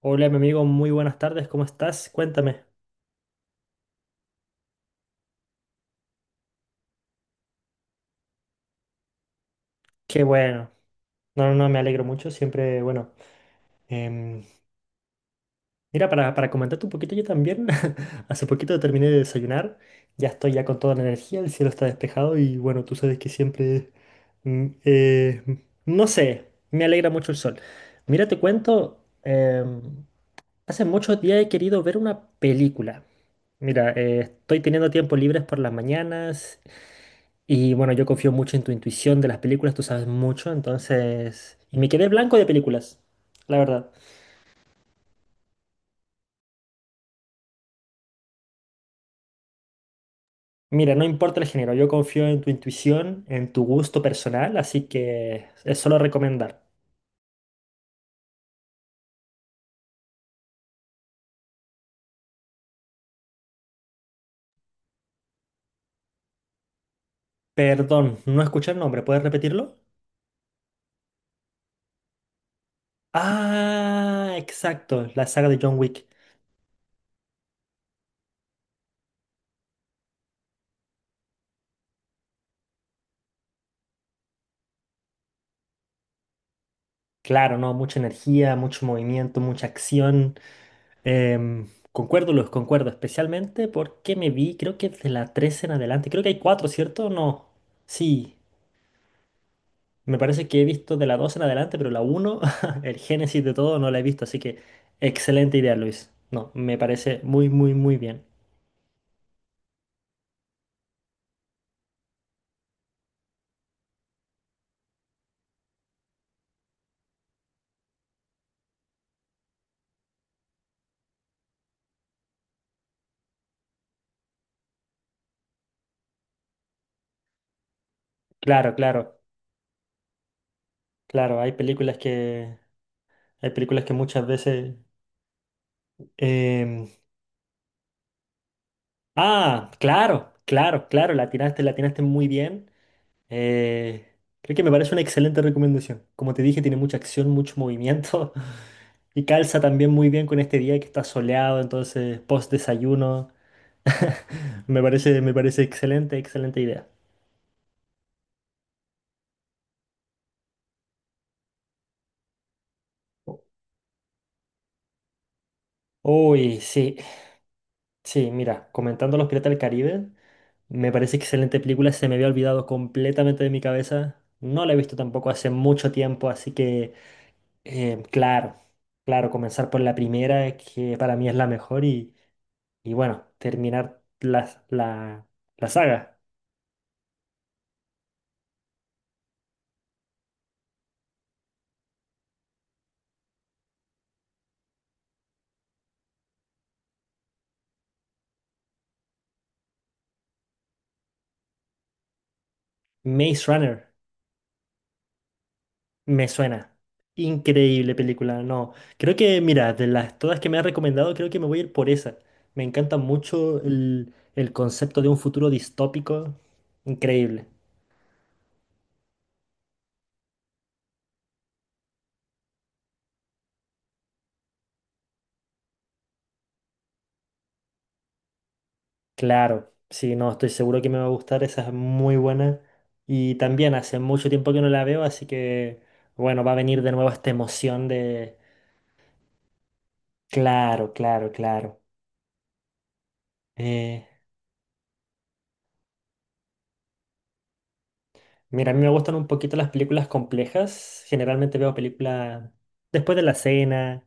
Hola, mi amigo, muy buenas tardes, ¿cómo estás? Cuéntame. Qué bueno. No, no, no, me alegro mucho, siempre, bueno. em, mira, para comentarte un poquito yo también, hace poquito terminé de desayunar, ya estoy ya con toda la energía, el cielo está despejado y bueno, tú sabes que siempre, mm, eh, no sé, me alegra mucho el sol. Mira, te cuento, hace muchos días he querido ver una película. Mira, estoy teniendo tiempo libres por las mañanas. Y bueno, yo confío mucho en tu intuición de las películas, tú sabes mucho, entonces... Y me quedé blanco de películas, la verdad. Mira, no importa el género, yo confío en tu intuición, en tu gusto personal, así que es solo recomendar. Perdón, no escuché el nombre, ¿puedes repetirlo? Ah, exacto, la saga de John Wick. Claro, ¿no? Mucha energía, mucho movimiento, mucha acción. Concuerdo, Luz, concuerdo, especialmente porque me vi, creo que de la tres en adelante, creo que hay cuatro, ¿cierto? No, sí. Me parece que he visto de la 2 en adelante, pero la uno el génesis de todo, no la he visto. Así que excelente idea, Luis. No, me parece muy, muy, muy bien. Claro, claro, claro. Hay películas que muchas veces... em, Ah, claro, claro, claro. La tiraste muy bien. Eh, Creo que me parece una excelente recomendación. Como te dije, tiene mucha acción, mucho movimiento. Y calza también muy bien con este día que está soleado, entonces post desayuno. Me parece excelente, excelente idea. Uy, sí, sí, mira, comentando Los Piratas del Caribe, me parece excelente película, se me había olvidado completamente de mi cabeza, no la he visto tampoco hace mucho tiempo, así que, claro, claro, comenzar por la primera, que para mí es la mejor, y bueno, terminar la saga, Maze Runner. Me suena. Increíble película. No, creo que, mira, de las todas que me ha recomendado, creo que me voy a ir por esa. Me encanta mucho el concepto de un futuro distópico. Increíble. Claro, sí, no, estoy seguro que me va a gustar. Esa es muy buena. Y también hace mucho tiempo que no la veo, así que, bueno, va a venir de nuevo esta emoción de... Claro, claro, claro. Eh, mira, a mí me gustan un poquito las películas complejas. Generalmente veo películas después de la cena.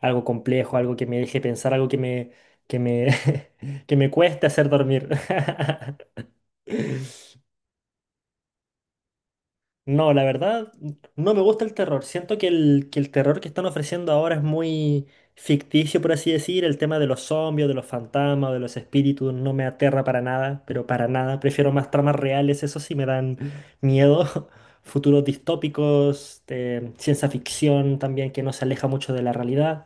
Algo complejo, algo que me deje pensar, algo que me, que me cueste hacer dormir. No, la verdad, no me gusta el terror. Siento que el terror que están ofreciendo ahora es muy ficticio, por así decir. El tema de los zombies, de los fantasmas, de los espíritus, no me aterra para nada, pero para nada. Prefiero más tramas reales, eso sí me dan miedo. Futuros distópicos, ciencia ficción también que no se aleja mucho de la realidad.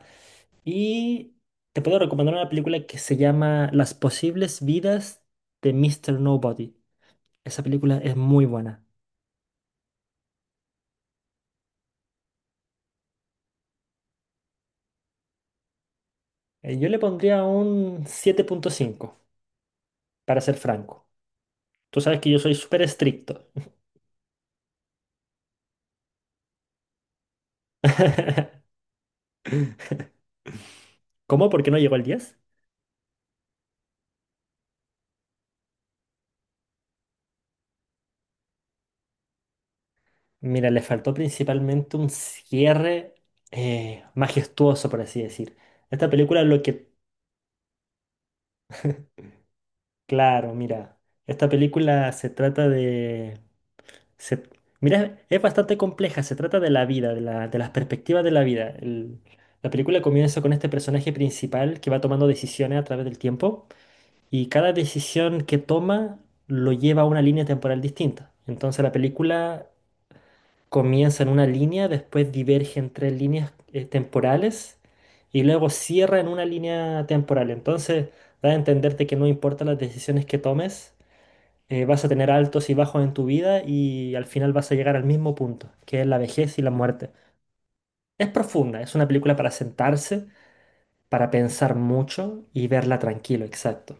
Y te puedo recomendar una película que se llama Las posibles vidas de Mr. Nobody. Esa película es muy buena. Yo le pondría un 7,5, para ser franco. Tú sabes que yo soy súper estricto. ¿Cómo? ¿Por qué no llegó al 10? Mira, le faltó principalmente un cierre majestuoso, por así decir. Esta película es lo que... Claro, mira. Esta película se trata de... Se- mira, es bastante compleja, se trata de la vida, de la, de las perspectivas de la vida. La película comienza con este personaje principal que va tomando decisiones a través del tiempo y cada decisión que toma lo lleva a una línea temporal distinta. Entonces la película comienza en una línea, después diverge en tres líneas temporales y luego cierra en una línea temporal. Entonces da a entenderte que no importa las decisiones que tomes, vas a tener altos y bajos en tu vida y al final vas a llegar al mismo punto, que es la vejez y la muerte. Es profunda, es una película para sentarse, para pensar mucho y verla tranquilo, exacto.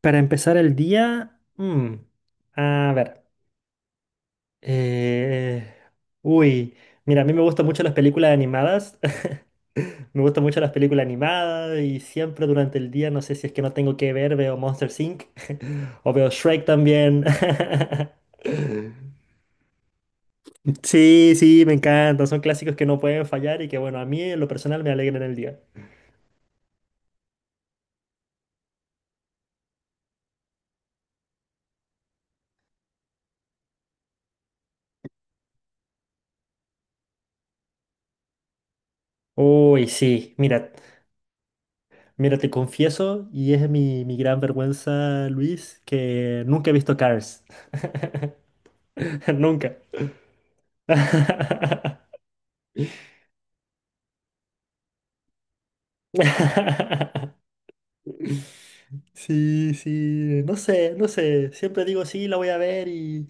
Para empezar el día, a ver, eh, uy, mira, a mí me gustan mucho las películas animadas, me gustan mucho las películas animadas y siempre durante el día, no sé si es que no tengo que ver, veo Monsters Inc. o veo Shrek también. Sí, sí, me encanta. Son clásicos que no pueden fallar y que, bueno, a mí en lo personal me alegran el día. Uy, sí, mira, te confieso, y es mi gran vergüenza, Luis, que nunca he visto Cars. Nunca. Sí, sí, no sé, no sé. Siempre digo, sí, la voy a ver y...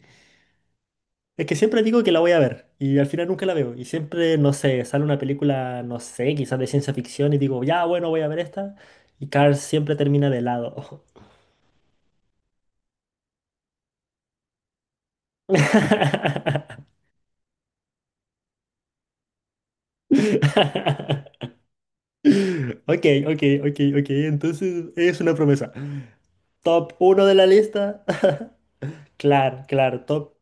Es que siempre digo que la voy a ver y al final nunca la veo. Y siempre, no sé, sale una película, no sé, quizás de ciencia ficción y digo, ya, bueno, voy a ver esta. Y Cars siempre termina de lado. Ok, ok, ok, ok. Entonces es una promesa. Top uno de la lista. Claro, claro, top.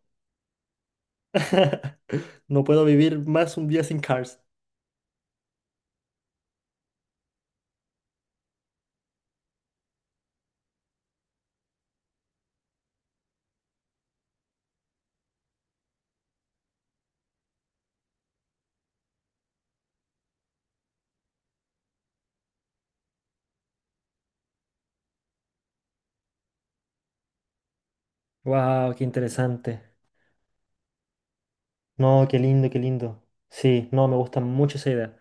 No puedo vivir más un día sin Cars. Wow, qué interesante. No, qué lindo, qué lindo. Sí, no, me gusta mucho esa idea.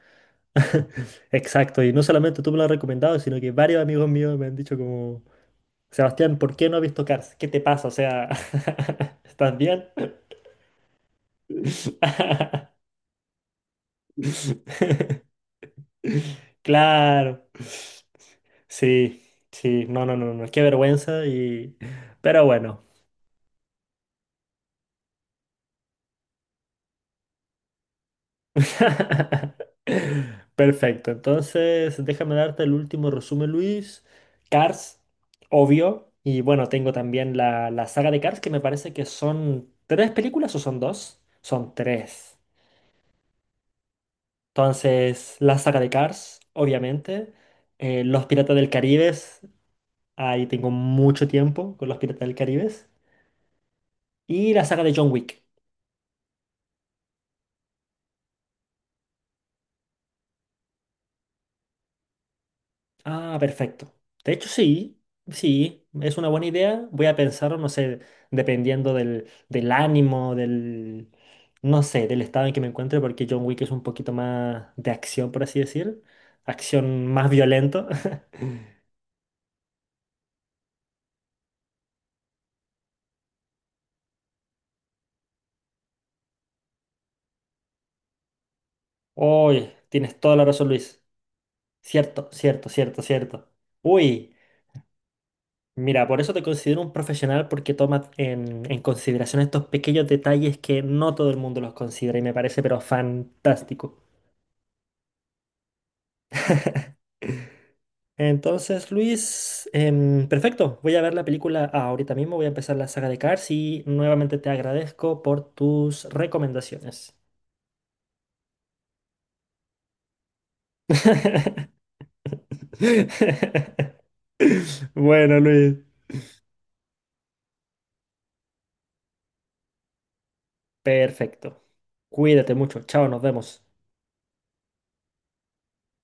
Exacto, y no solamente tú me lo has recomendado, sino que varios amigos míos me han dicho como, Sebastián, ¿por qué no has visto Cars? ¿Qué te pasa? O sea, ¿estás bien? Claro. Sí, sí, no, no, no, no, qué vergüenza y... Pero bueno... Perfecto, entonces déjame darte el último resumen, Luis. Cars, obvio. Y bueno, tengo también la saga de Cars, que me parece que son tres películas o son dos. Son tres. Entonces, la saga de Cars, obviamente. Los Piratas del Caribe, ahí tengo mucho tiempo con Los Piratas del Caribe. Y la saga de John Wick. Ah, perfecto. De hecho, sí, sí, es una buena idea. Voy a pensar, no sé, dependiendo del ánimo, no sé, del estado en que me encuentre, porque John Wick es un poquito más de acción, por así decir. Acción más violento. Uy, tienes toda la razón, Luis. Cierto, cierto, cierto, cierto. Uy, mira, por eso te considero un profesional porque tomas en consideración estos pequeños detalles que no todo el mundo los considera y me parece pero fantástico. Entonces, Luis, perfecto. Voy a ver la película ahorita mismo. Voy a empezar la saga de Cars y nuevamente te agradezco por tus recomendaciones. Bueno, Luis. Perfecto. Cuídate mucho. Chao, nos vemos.